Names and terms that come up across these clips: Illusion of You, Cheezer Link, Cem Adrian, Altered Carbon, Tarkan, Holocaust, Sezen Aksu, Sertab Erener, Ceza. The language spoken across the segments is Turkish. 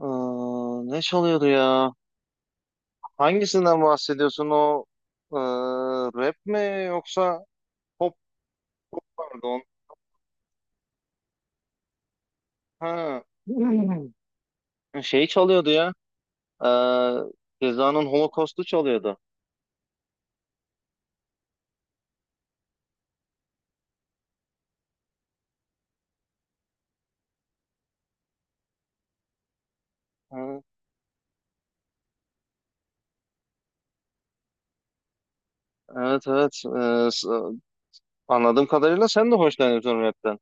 Aa, ne çalıyordu ya? Hangisinden bahsediyorsun o e, rap mi yoksa pop? Pop pardon. Ha. Hmm. Şey çalıyordu ya. E, Ceza'nın Holocaust'u çalıyordu. Ha. Evet, evet. Anladığım kadarıyla sen de hoşlanıyorsun rapten.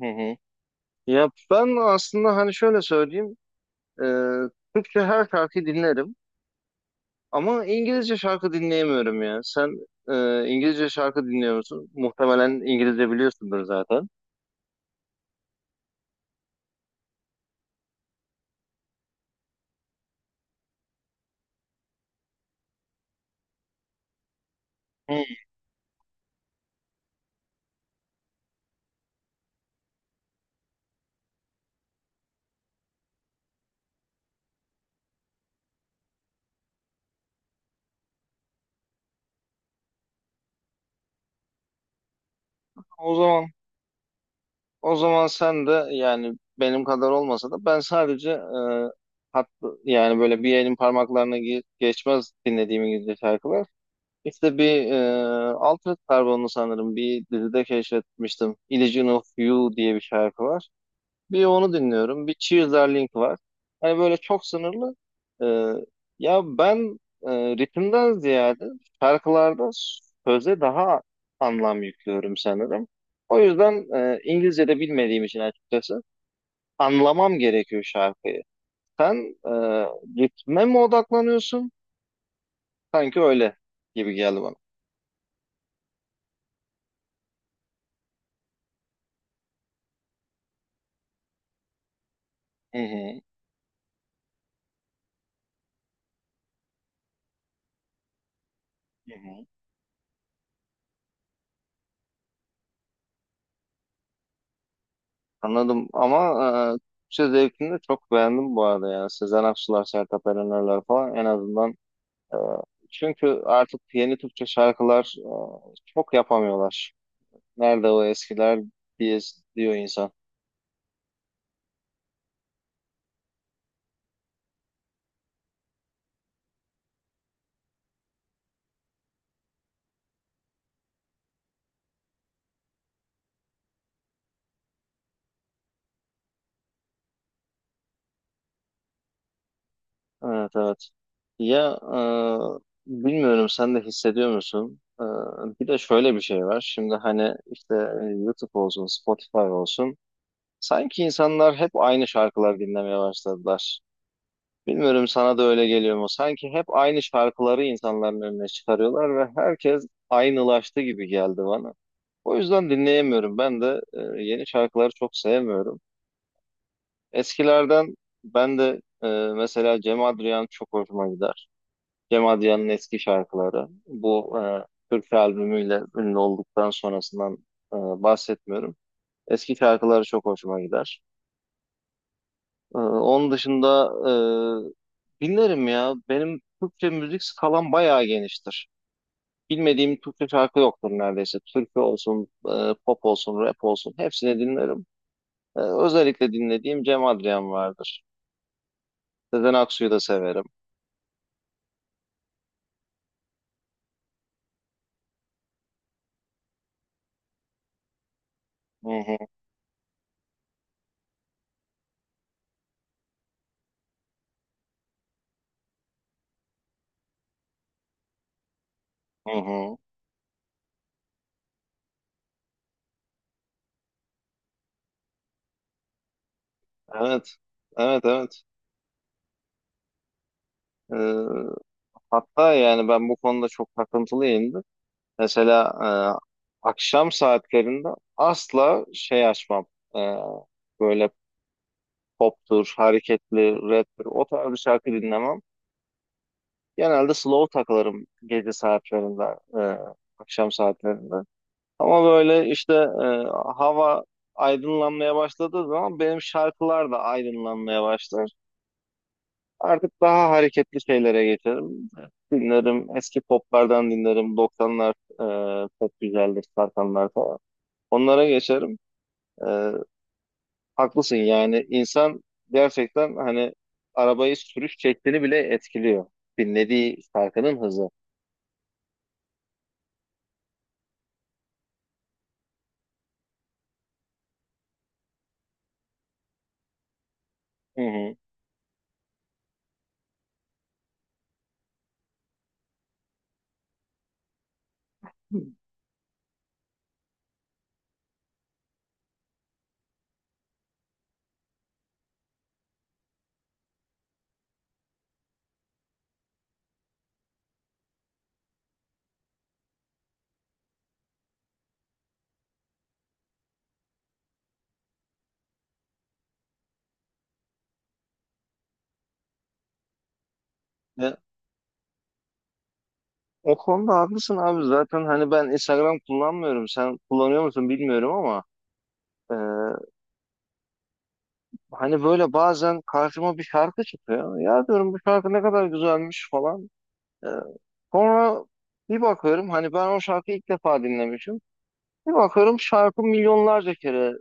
Hı hı. Ya ben aslında hani şöyle söyleyeyim. E, Türkçe her şarkı dinlerim. Ama İngilizce şarkı dinleyemiyorum ya. Sen İngilizce şarkı dinliyor musun? Muhtemelen İngilizce biliyorsundur zaten. Hmm. O zaman o zaman sen de yani benim kadar olmasa da, ben sadece hat, yani böyle bir elin parmaklarına geçmez dinlediğim İngilizce şarkılar. İşte bir Altered Carbon'u sanırım bir dizide keşfetmiştim. Illusion of You diye bir şarkı var. Bir onu dinliyorum. Bir Cheezer Link var. Hani böyle çok sınırlı. Ee, ya ben e, ritimden ziyade şarkılarda söze daha anlam yüklüyorum sanırım. O yüzden İngilizce de bilmediğim için açıkçası anlamam gerekiyor şarkıyı. Sen e, ritme mi odaklanıyorsun? Sanki öyle gibi geldi bana. Hı hı, hı hı. Anladım ama Türkçe zevkini de çok beğendim bu arada ya. Sezen Aksular, Sertab Erener'ler falan en azından. Ee, Çünkü artık yeni Türkçe şarkılar çok yapamıyorlar. Nerede o eskiler diye diyor insan. Evet, evet. Ya bilmiyorum, sen de hissediyor musun? Bir de şöyle bir şey var. Şimdi hani işte YouTube olsun, Spotify olsun. Sanki insanlar hep aynı şarkılar dinlemeye başladılar. Bilmiyorum, sana da öyle geliyor mu? Sanki hep aynı şarkıları insanların önüne çıkarıyorlar ve herkes aynılaştı gibi geldi bana. O yüzden dinleyemiyorum. Ben de yeni şarkıları çok sevmiyorum. Eskilerden ben de mesela Cem Adrian çok hoşuma gider. Cem Adrian'ın eski şarkıları. Bu Türkçe albümüyle ünlü olduktan sonrasından bahsetmiyorum. Eski şarkıları çok hoşuma gider. Onun dışında dinlerim ya. Benim Türkçe müzik skalam bayağı geniştir. Bilmediğim Türkçe şarkı yoktur neredeyse. Türkçe olsun, pop olsun, rap olsun hepsini dinlerim. Özellikle dinlediğim Cem Adrian vardır. Sezen Aksu'yu da severim. Hı hı, hı hı. Evet, evet, evet. Ee, hatta yani ben bu konuda çok takıntılıyımdır. Mesela akşam saatlerinde asla şey açmam. Ee, böyle poptur, hareketli, raptir, o tarz bir şarkı dinlemem. Genelde slow takılırım gece saatlerinde, e, akşam saatlerinde. Ama böyle işte hava aydınlanmaya başladığı zaman benim şarkılar da aydınlanmaya başlar. Artık daha hareketli şeylere geçerim. Dinlerim, eski poplardan dinlerim. Doksanlar çok güzeldir, Tarkanlar falan. Onlara geçerim. E, haklısın yani, insan gerçekten hani arabayı sürüş şeklini bile etkiliyor. Dinlediği şarkının hızı. Hı hı. Ya, o konuda haklısın abi. Zaten hani ben Instagram kullanmıyorum. Sen kullanıyor musun bilmiyorum ama. Ee, hani böyle bazen karşıma bir şarkı çıkıyor. Ya diyorum, bu şarkı ne kadar güzelmiş falan. Ee, sonra bir bakıyorum hani ben o şarkıyı ilk defa dinlemişim. Bir bakıyorum şarkı milyonlarca kere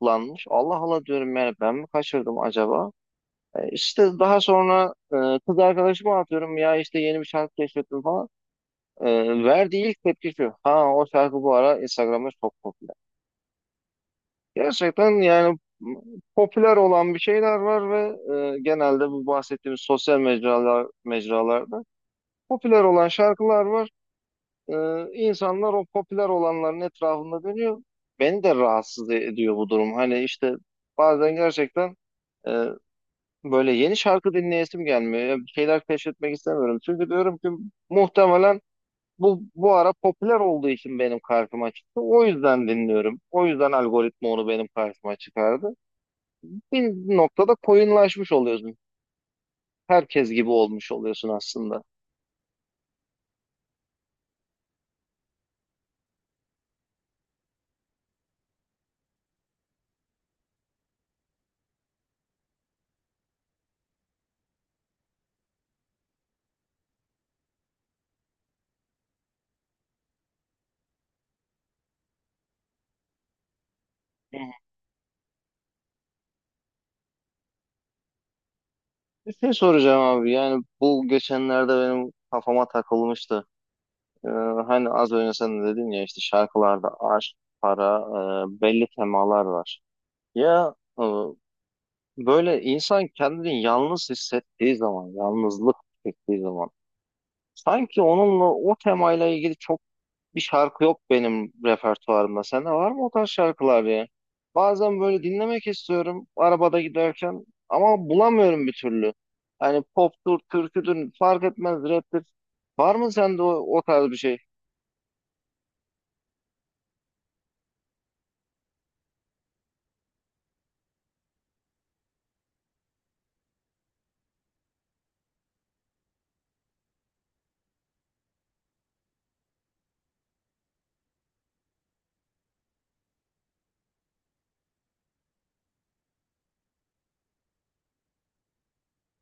kullanmış. Allah Allah diyorum, yani ben mi kaçırdım acaba? İşte daha sonra kız arkadaşıma atıyorum ya işte, yeni bir şarkı keşfettim falan. Verdiği ilk tepki şu: ha, o şarkı bu ara Instagram'da çok popüler. Gerçekten yani popüler olan bir şeyler var ve genelde bu bahsettiğimiz sosyal mecralarda popüler olan şarkılar var. E, insanlar o popüler olanların etrafında dönüyor. Beni de rahatsız ediyor bu durum. Hani işte bazen gerçekten e, böyle yeni şarkı dinleyesim gelmiyor. Ya bir şeyler keşfetmek istemiyorum. Çünkü diyorum ki muhtemelen bu ara popüler olduğu için benim karşıma çıktı. O yüzden dinliyorum. O yüzden algoritma onu benim karşıma çıkardı. Bir noktada koyunlaşmış oluyorsun. Herkes gibi olmuş oluyorsun aslında. Hı. Bir şey soracağım abi, yani bu geçenlerde benim kafama takılmıştı. Ee, hani az önce sen de dedin ya işte şarkılarda aşk, para, belli temalar var. Ya böyle insan kendini yalnız hissettiği zaman, yalnızlık çektiği zaman sanki onunla o temayla ilgili çok bir şarkı yok benim repertuarımda. Sende var mı o tarz şarkılar ya? Bazen böyle dinlemek istiyorum arabada giderken ama bulamıyorum bir türlü. Hani poptur, türküdür fark etmez, raptir. Var mı sende o, o tarz bir şey?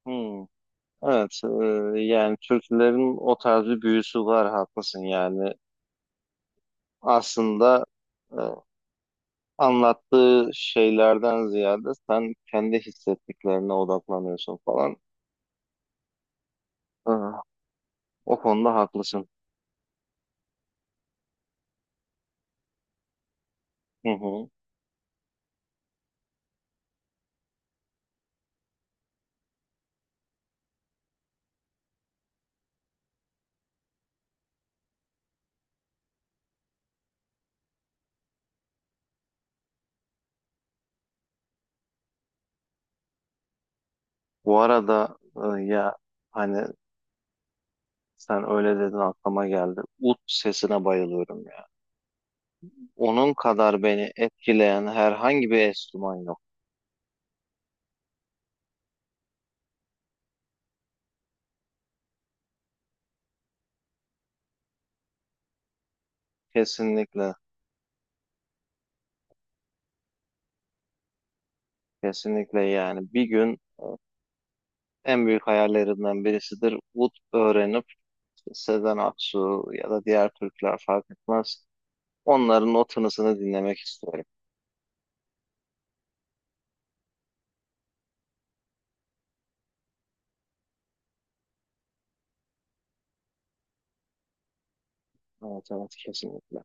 Hmm. Evet, yani türkülerin o tarz bir büyüsü var, haklısın yani. Aslında e, anlattığı şeylerden ziyade sen kendi hissettiklerine odaklanıyorsun falan. E, o konuda haklısın. Hı hı. Bu arada e, ya hani sen öyle dedin aklıma geldi. Ut sesine bayılıyorum ya. Onun kadar beni etkileyen herhangi bir enstrüman yok. Kesinlikle, kesinlikle yani, bir gün en büyük hayallerimden birisidir. Ut öğrenip Sezen Aksu ya da diğer Türkler fark etmez, onların o tınısını dinlemek istiyorum. Evet, evet, kesinlikle.